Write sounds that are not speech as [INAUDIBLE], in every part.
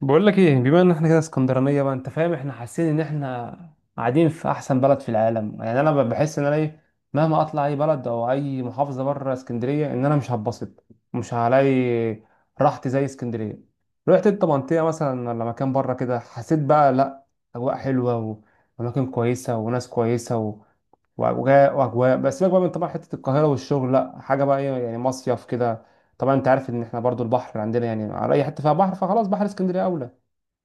بقول لك ايه، بما ان احنا كده اسكندرانيه بقى، انت فاهم، احنا حاسين ان احنا قاعدين في احسن بلد في العالم. يعني انا بحس ان انا ايه، مهما اطلع اي بلد او اي محافظه بره اسكندريه، ان انا مش هتبسط، مش هلاقي راحتي زي اسكندريه. رحت انت منطقه مثلا ولا مكان بره كده حسيت بقى لا؟ اجواء حلوه، واماكن كويسه وناس كويسه واجواء واجواء. بس سيبك بقى من طبعا حته القاهره والشغل، لا حاجه بقى ايه يعني، مصيف كده. طبعا انت عارف ان احنا برضو البحر عندنا، يعني على اي حته فيها بحر فخلاص بحر اسكندريه اولى،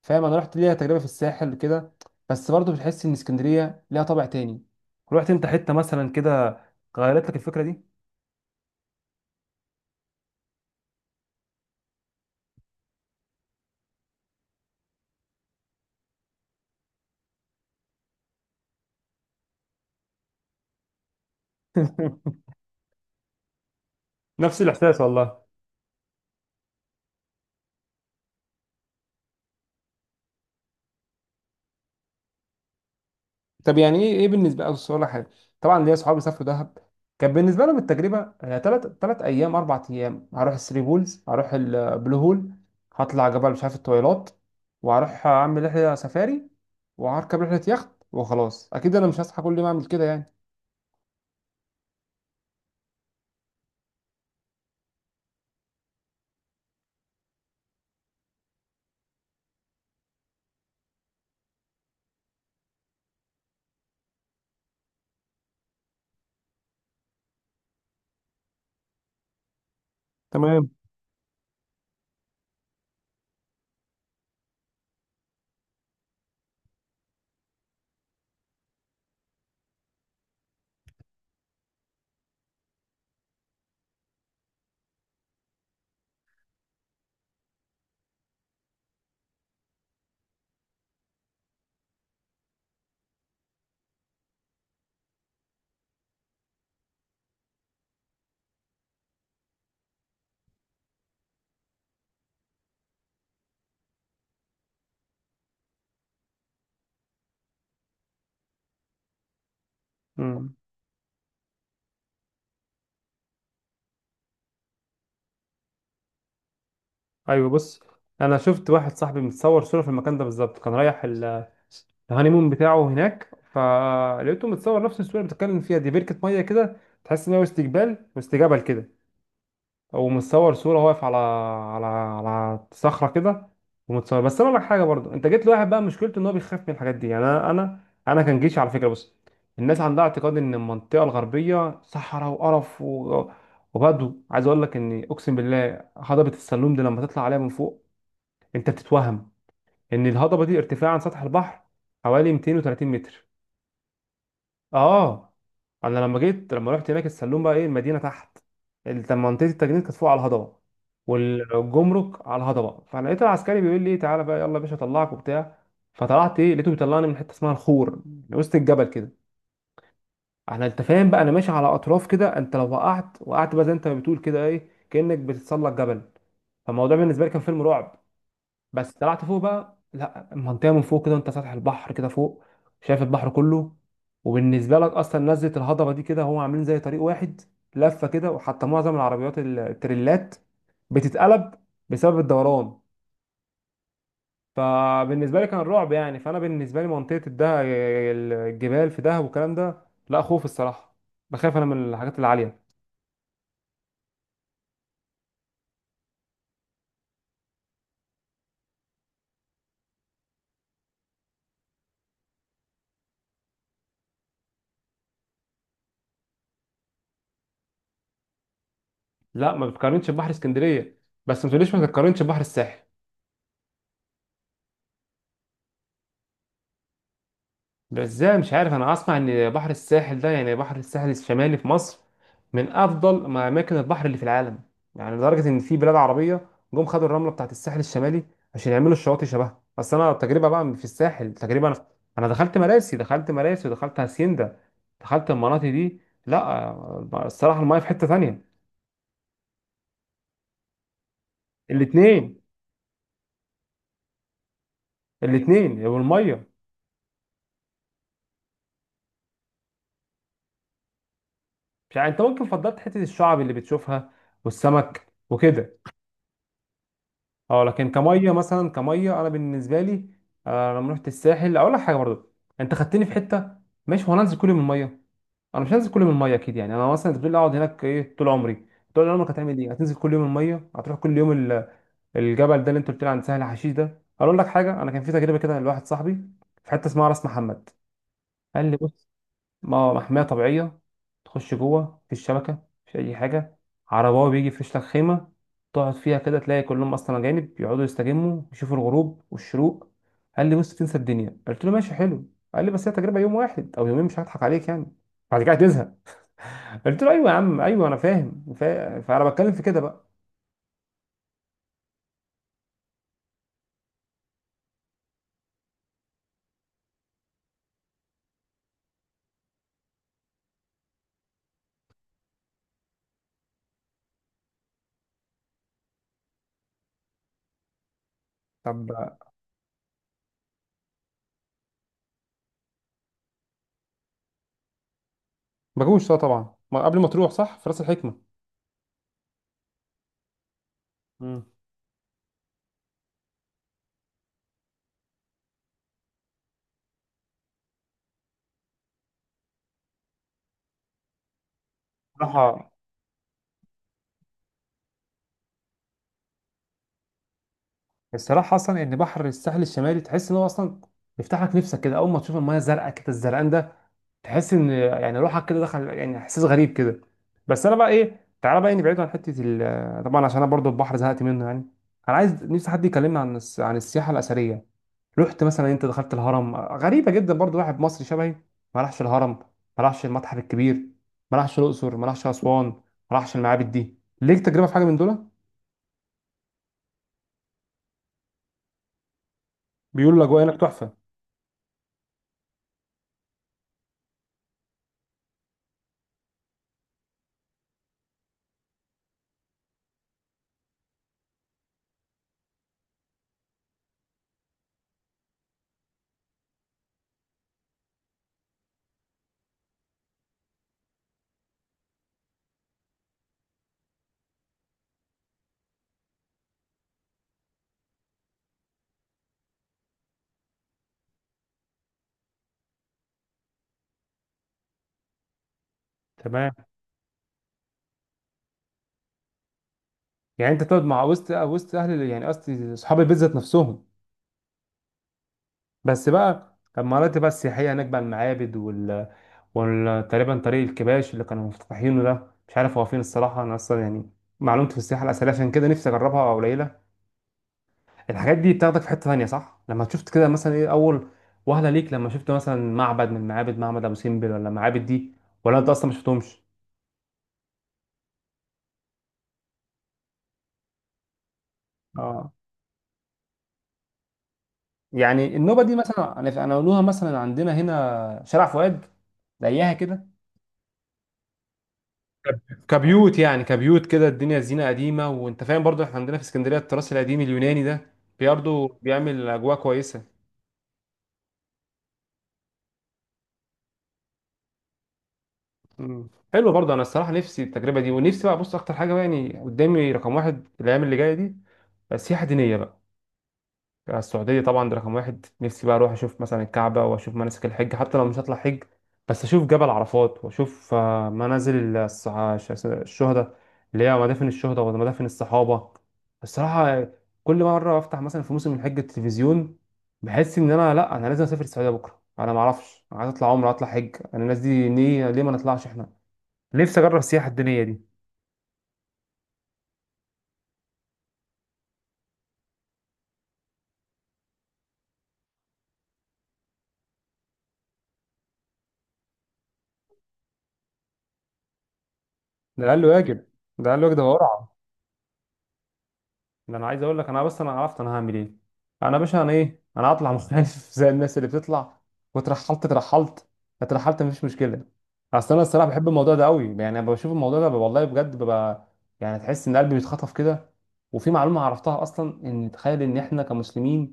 فاهم؟ انا رحت ليها تجربه في الساحل كده، بس برضه بتحس ان اسكندريه ليها طابع تاني. رحت انت حته مثلا كده غيرت لك الفكره دي؟ [LAUGHS] نفس الاحساس والله. طب يعني ايه بالنسبه لي، اقول لك حاجه، طبعا ليا اصحابي سافروا دهب، كان بالنسبه لهم التجربه ثلاث ايام اربع ايام، هروح الثري بولز، هروح البلو هول، هطلع جبل مش عارف الطويلات، وهروح اعمل رحله سفاري، وهركب رحله يخت. وخلاص اكيد انا مش هصحى كل يوم اعمل كده يعني. تمام. مم. ايوه بص، انا شفت واحد صاحبي متصور صوره في المكان ده بالظبط، كان رايح الهانيمون بتاعه هناك، فلقيته متصور نفس الصوره اللي بتتكلم فيها دي، بركه ميه كده. تحس ان هو استقبال واستجابه كده، او متصور صوره واقف على على صخره كده ومتصور. بس انا اقول لك حاجه برضو، انت جيت لواحد بقى مشكلته ان هو بيخاف من الحاجات دي، يعني انا كان جيش على فكره. بص، الناس عندها اعتقاد ان المنطقه الغربيه صحراء وقرف وبدو. عايز اقول لك اني اقسم بالله هضبه السلوم دي لما تطلع عليها من فوق انت بتتوهم ان الهضبه دي ارتفاع عن سطح البحر حوالي 230 متر. اه. انا لما رحت هناك السلوم بقى ايه، المدينه تحت، منطقه التجنيد كانت فوق على الهضبه، والجمرك على الهضبه. فلقيت العسكري بيقول لي ايه، تعالى بقى يلا يا باشا اطلعك وبتاع. فطلعت ايه، لقيته بيطلعني من حته اسمها الخور، من وسط الجبل كده. احنا انت فاهم بقى انا ماشي على اطراف كده، انت لو وقعت وقعت بقى، زي انت ما بتقول كده ايه، كانك بتتسلق جبل. فالموضوع بالنسبه لي كان فيلم رعب. بس طلعت فوق بقى لا، المنطقه من فوق كده انت سطح البحر كده فوق، شايف البحر كله. وبالنسبه لك اصلا نزله الهضبه دي كده هم عاملين زي طريق واحد لفه كده، وحتى معظم العربيات التريلات بتتقلب بسبب الدوران. فبالنسبه لي كان رعب يعني. فانا بالنسبه لي منطقه الجبال في دهب والكلام ده لا خوف الصراحه، بخاف انا من الحاجات العاليه. لا ما بتقارنش ببحر اسكندريه، بس ما تقوليش ما تقارنش ببحر الساحل. ده ازاي؟ مش عارف، انا اسمع ان بحر الساحل ده، يعني بحر الساحل الشمالي في مصر، من افضل ما اماكن البحر اللي في العالم، يعني لدرجه ان في بلاد عربيه جم خدوا الرمله بتاعت الساحل الشمالي عشان يعملوا الشواطئ شبهها. بس انا التجربه بقى في الساحل تجربه، انا دخلت مراسي، دخلت مراسي ودخلت هاسيندا، دخلت المناطق دي، لا. الصراحه المايه في حته تانية. الاثنين، الاثنين والميه. مش عارف، انت ممكن فضلت حته الشعب اللي بتشوفها والسمك وكده. اه لكن كميه مثلا، كميه انا بالنسبه لي. لما رحت الساحل اقول لك حاجه برضه، انت خدتني في حته ماشي، هو انا انزل كل يوم الميه؟ انا مش هنزل كل يوم الميه اكيد يعني. انا مثلا انت بتقول لي اقعد هناك ايه طول عمري؟ طول عمرك هتعمل ايه؟ هتنزل كل يوم الميه؟ هتروح كل يوم الجبل ده اللي انت قلت لي عن سهل حشيش ده؟ اقول لك حاجه، انا كان في تجربه كده لواحد صاحبي في حته اسمها راس محمد. قال لي بص، محمية طبيعية، تخش جوه مفيش شبكة، مفيش أي حاجة، عرباوي بيجي يفرش لك خيمة تقعد فيها كده، تلاقي كلهم أصلا أجانب يقعدوا يستجموا يشوفوا الغروب والشروق. قال لي بص، تنسى الدنيا. قلت له ماشي حلو. قال لي بس هي تجربة يوم واحد أو يومين، مش هضحك عليك يعني، بعد كده هتزهق. قلت له أيوه يا عم، أيوه أنا فاهم، فأنا بتكلم في كده بقى. طب مجوش طبعا، ما قبل ما تروح صح في راس الحكمة. مم. صراحة الصراحه اصلا ان بحر الساحل الشمالي تحس ان هو اصلا يفتح لك نفسك كده، اول ما تشوف المايه الزرقاء كده الزرقان ده، تحس ان يعني روحك كده دخل، يعني احساس غريب كده. بس انا بقى ايه، تعالى بقى نبعد عن حته طبعا عشان انا برضو البحر زهقت منه يعني. انا عايز نفسي حد يكلمني عن عن السياحه الاثريه. رحت مثلا؟ انت دخلت الهرم؟ غريبه جدا برضو واحد مصري شبهي ما راحش الهرم، ما راحش المتحف الكبير، ما راحش الاقصر، ما راحش اسوان، ما راحش المعابد دي. ليك تجربه في حاجه من دول؟ بيقولوا الاجواء هناك تحفه. تمام. يعني انت تقعد مع وسط اهل يعني قصدي اصحاب البيت ذات نفسهم. بس بقى المناطق بقى السياحيه هناك بقى المعابد وال تقريبا طريق الكباش اللي كانوا مفتتحينه ده، مش عارف هو فين الصراحه، انا اصلا يعني معلومتي في السياحه الاثريه عشان كده نفسي اجربها قليله. الحاجات دي بتاخدك في حته ثانيه صح؟ لما شفت كده مثلا ايه اول وهله ليك، لما شفت مثلا معبد من معابد، معبد ابو سمبل ولا معابد دي؟ ولا انت اصلا ما شفتهمش؟ اه. يعني النوبه دي مثلا انا، أنا اقولوها، مثلا عندنا هنا شارع فؤاد زيها كده. كب- كبيوت يعني، كبيوت كده الدنيا زينة قديمة. وانت فاهم برضو احنا عندنا في اسكندرية التراث القديم اليوناني ده برضه بيعمل اجواء كويسة. مم. حلو. برضه انا الصراحة نفسي التجربة دي، ونفسي بقى، بص اكتر حاجة بقى يعني قدامي رقم واحد الايام اللي جاية دي سياحة دينية بقى، السعودية طبعا، ده رقم واحد. نفسي بقى أروح أشوف مثلا الكعبة وأشوف مناسك الحج حتى لو مش هطلع حج، بس أشوف جبل عرفات وأشوف منازل الشهداء، اللي هي مدافن الشهداء ومدافن الصحابة. الصراحة كل مرة أفتح مثلا في موسم الحج التلفزيون بحس إن أنا لأ، أنا لازم أسافر السعودية بكرة. أنا معرفش، أنا عايز أطلع عمرة أطلع حج، أنا الناس دي ليه؟ ليه ما نطلعش إحنا؟ نفسي أجرب السياحة الدينية دي. ده أقل واجب، ده أقل واجب، ده ورع. ده انا عايز اقول لك، انا بس انا عرفت انا هعمل ايه. انا يا باشا انا ايه، انا هطلع مختلف [LAUGHS] زي الناس اللي بتطلع واترحلت، اترحلت، اترحلت مفيش مشكله. اصل انا الصراحه بحب الموضوع ده قوي، يعني انا بشوف الموضوع ده والله بجد ببقى يعني، تحس ان قلبي بيتخطف كده. وفي معلومه عرفتها اصلا، ان تخيل ان احنا كمسلمين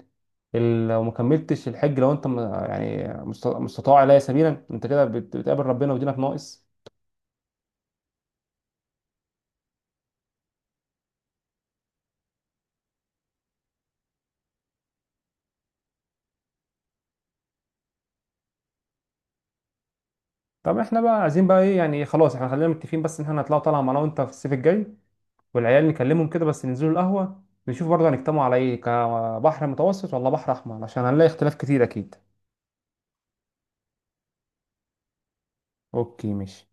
لو ما كملتش الحج، لو انت يعني مستطاع اليه سبيلا، انت كده بتقابل ربنا ودينك ناقص. طب احنا بقى عايزين بقى ايه يعني، خلاص احنا خلينا متفقين بس ان احنا هنطلعوا طالعه معانا وانت في الصيف الجاي، والعيال نكلمهم كده، بس ننزلوا القهوة نشوف برضه هنجتمعوا على ايه، كبحر متوسط ولا بحر احمر، عشان هنلاقي اختلاف كتير اكيد. اوكي ماشي.